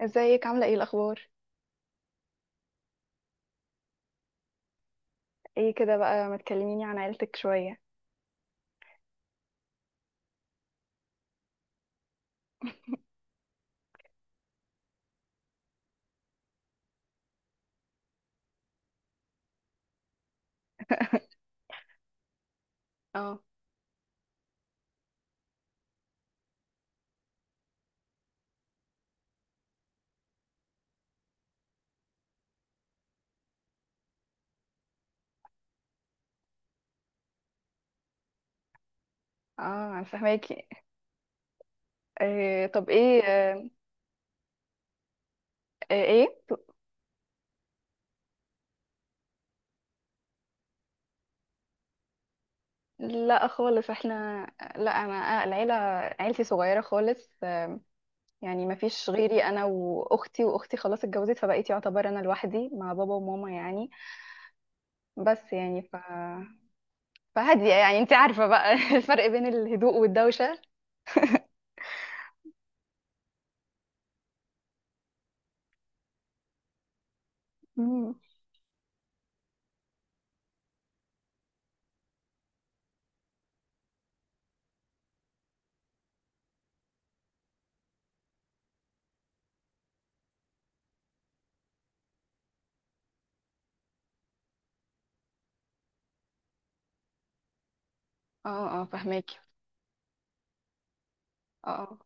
ازيك، عاملة ايه الأخبار؟ ايه كده بقى، ما تكلميني عن عيلتك شوية. اه اه، انا فهماكي. إيه، طب ايه ايه. لا خالص احنا، لا انا العيلة، عيلتي صغيرة خالص يعني ما فيش غيري انا واختي، واختي خلاص اتجوزت، فبقيت يعتبر انا لوحدي مع بابا وماما يعني. بس يعني فهادية، يعني انت عارفة بقى الفرق بين الهدوء والدوشة. مم. اه اه فهماكي. اه،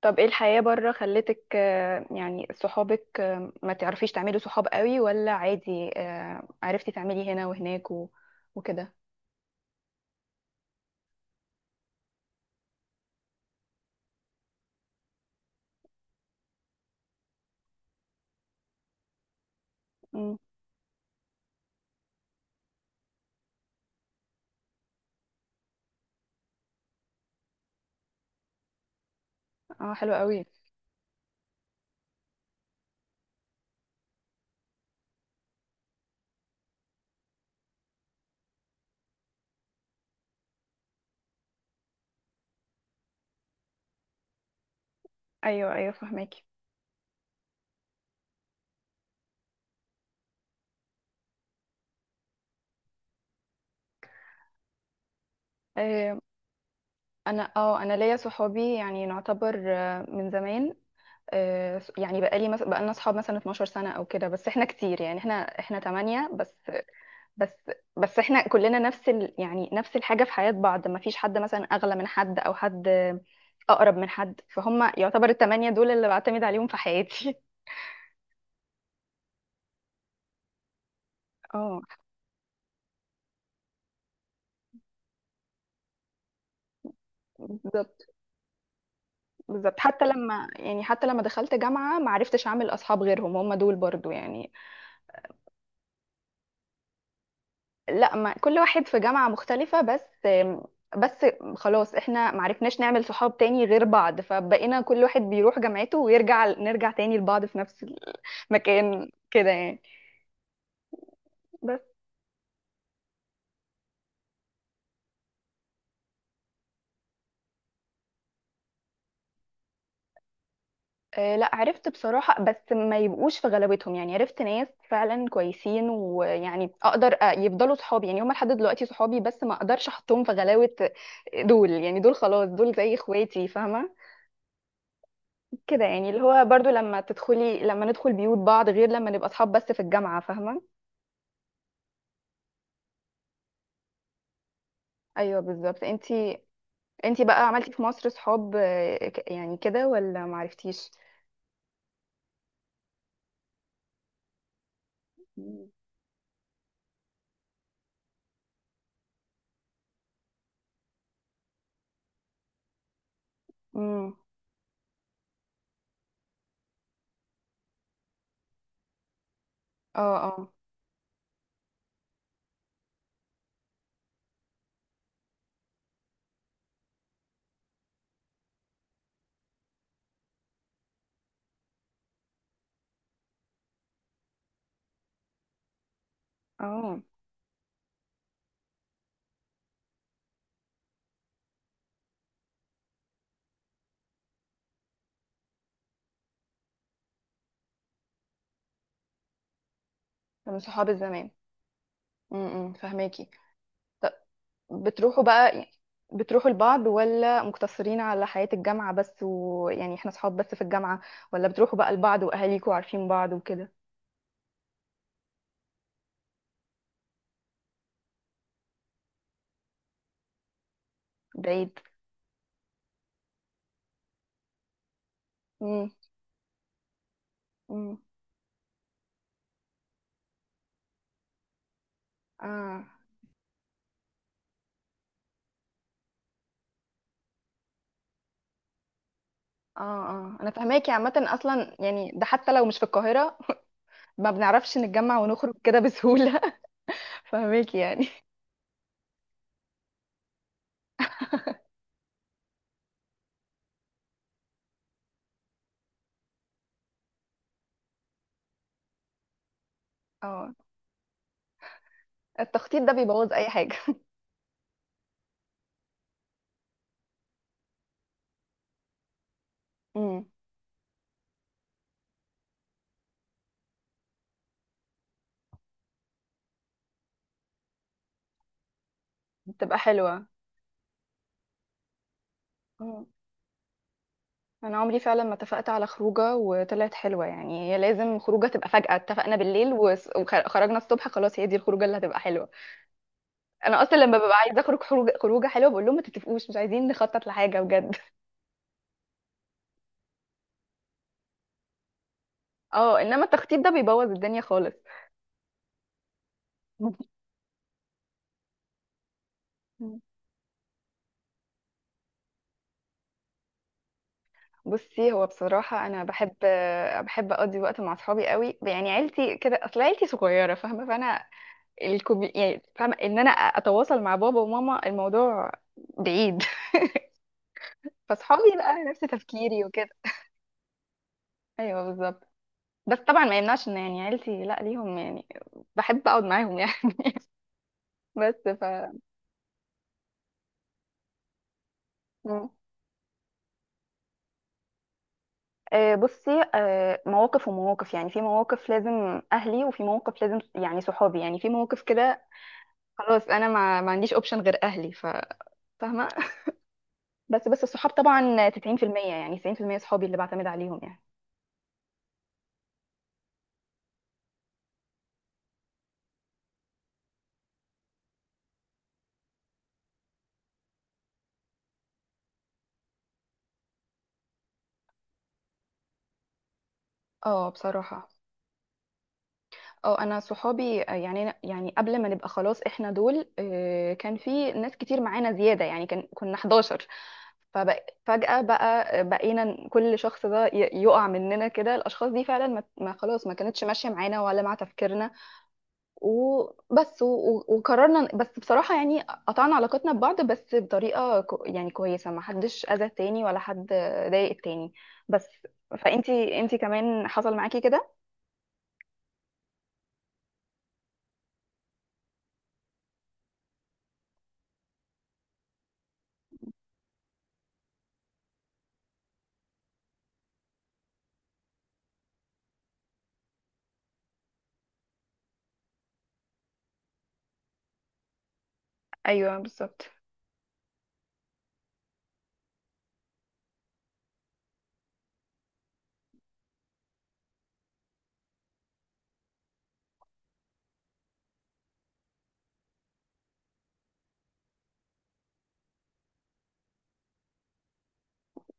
طب ايه الحياة بره خلتك يعني صحابك ما تعرفيش تعملي صحاب قوي ولا عادي؟ عرفتي تعملي هنا وهناك وكده. امم. اه حلو قوي. ايوه ايوه فهماكي. آه، انا انا ليا صحابي يعني نعتبر من زمان، يعني بقالي مثلا بقالنا صحاب مثلا 12 سنة او كده، بس احنا كتير يعني احنا تمانية بس. بس بس احنا كلنا نفس يعني نفس الحاجة في حياة بعض، ما فيش حد مثلا أغلى من حد أو حد أقرب من حد، فهم يعتبر التمانية دول اللي بعتمد عليهم في حياتي. اه بالظبط. بالظبط حتى لما يعني حتى لما دخلت جامعة ما عرفتش أعمل أصحاب غيرهم، هم دول برضو يعني. لا، ما كل واحد في جامعة مختلفة، بس خلاص احنا ما عرفناش نعمل صحاب تاني غير بعض، فبقينا كل واحد بيروح جامعته ويرجع، نرجع تاني لبعض في نفس المكان كده يعني. لا عرفت بصراحة، بس ما يبقوش في غلاوتهم، يعني عرفت ناس فعلا كويسين ويعني اقدر يفضلوا صحابي، يعني هم لحد دلوقتي صحابي بس ما اقدرش احطهم في غلاوة، دول يعني دول خلاص، دول زي اخواتي فاهمة كده يعني، اللي هو برضو لما تدخلي، لما ندخل بيوت بعض غير لما نبقى صحاب بس في الجامعة، فاهمة. ايوه بالظبط. انتي بقى عملتي في مصر صحاب يعني كده، ولا ما عرفتيش؟ امم. اه اه. اه، من صحاب الزمان. فهماكي. بتروحوا بقى يعني، بتروحوا لبعض ولا مقتصرين على حياة الجامعة بس، ويعني احنا صحاب بس في الجامعة، ولا بتروحوا بقى لبعض وأهاليكوا عارفين بعض وكده؟ بعيد. امم. امم. اه اه اه، انا فهماكي. عامة اصلا يعني ده حتى لو مش في القاهرة ما بنعرفش نتجمع ونخرج كده بسهولة. فهماكي يعني. اه، التخطيط ده بيبوظ اي حاجة. امم. بتبقى حلوة. انا عمري فعلا ما اتفقت على خروجه وطلعت حلوه، يعني هي لازم خروجه تبقى فجاه، اتفقنا بالليل وخرجنا الصبح، خلاص هي دي الخروجه اللي هتبقى حلوه. انا اصلا لما ببقى عايزه اخرج خروجه، خروجه حلوه بقول لهم ما تتفقوش، مش عايزين نخطط لحاجه بجد. اه، انما التخطيط ده بيبوظ الدنيا خالص. مم. بصي هو بصراحة أنا بحب أقضي وقت مع أصحابي قوي، يعني عيلتي كده، أصل عيلتي صغيرة فاهمة، فأنا يعني فاهمة إن أنا أتواصل مع بابا وماما، الموضوع بعيد. فأصحابي بقى نفس تفكيري وكده. ايوه بالظبط. بس طبعا ما يمنعش ان يعني عيلتي، لا ليهم يعني بحب اقعد معاهم يعني. بس مم. بصي مواقف ومواقف، يعني في مواقف لازم اهلي وفي مواقف لازم يعني صحابي، يعني في مواقف كده خلاص انا ما عنديش اوبشن غير اهلي، فاهمه. بس الصحاب طبعا 90% يعني 90% صحابي اللي بعتمد عليهم يعني. اه بصراحة. اه انا صحابي يعني قبل ما نبقى خلاص احنا دول كان في ناس كتير معانا زيادة، يعني كان كنا 11، ففجأة بقى بقينا كل شخص ده يقع مننا كده، الأشخاص دي فعلا ما خلاص ما كانتش ماشية معانا ولا مع تفكيرنا، وبس وقررنا، بس بصراحة يعني قطعنا علاقتنا ببعض بس بطريقة يعني كويسة، ما حدش أذى التاني ولا حد ضايق التاني، بس. فأنتي أنتي كمان حصل معاكي كده؟ أيوه بالظبط.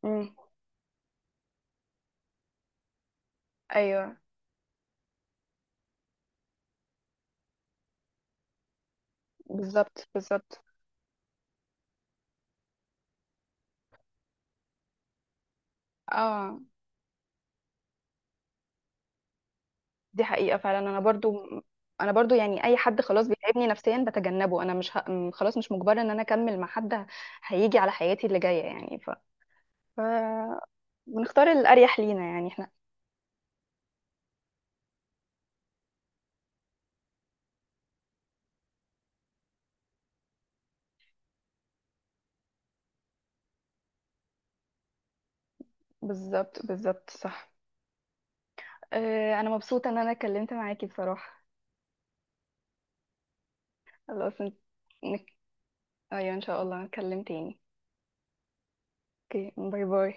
مم. أيوه بالظبط بالظبط. اه دي حقيقة فعلا، انا برضو، انا برضو يعني اي حد خلاص بيتعبني نفسيا بتجنبه، انا مش ه... خلاص مش مجبرة ان انا اكمل مع حد هيجي على حياتي اللي جاية يعني ف... بنختار الاريح لينا يعني احنا. بالظبط بالظبط صح. أه، انا مبسوطة ان انا اتكلمت معاكي بصراحة. خلاص نك... ايوه ان شاء الله نتكلم تاني. اوكي، باي باي.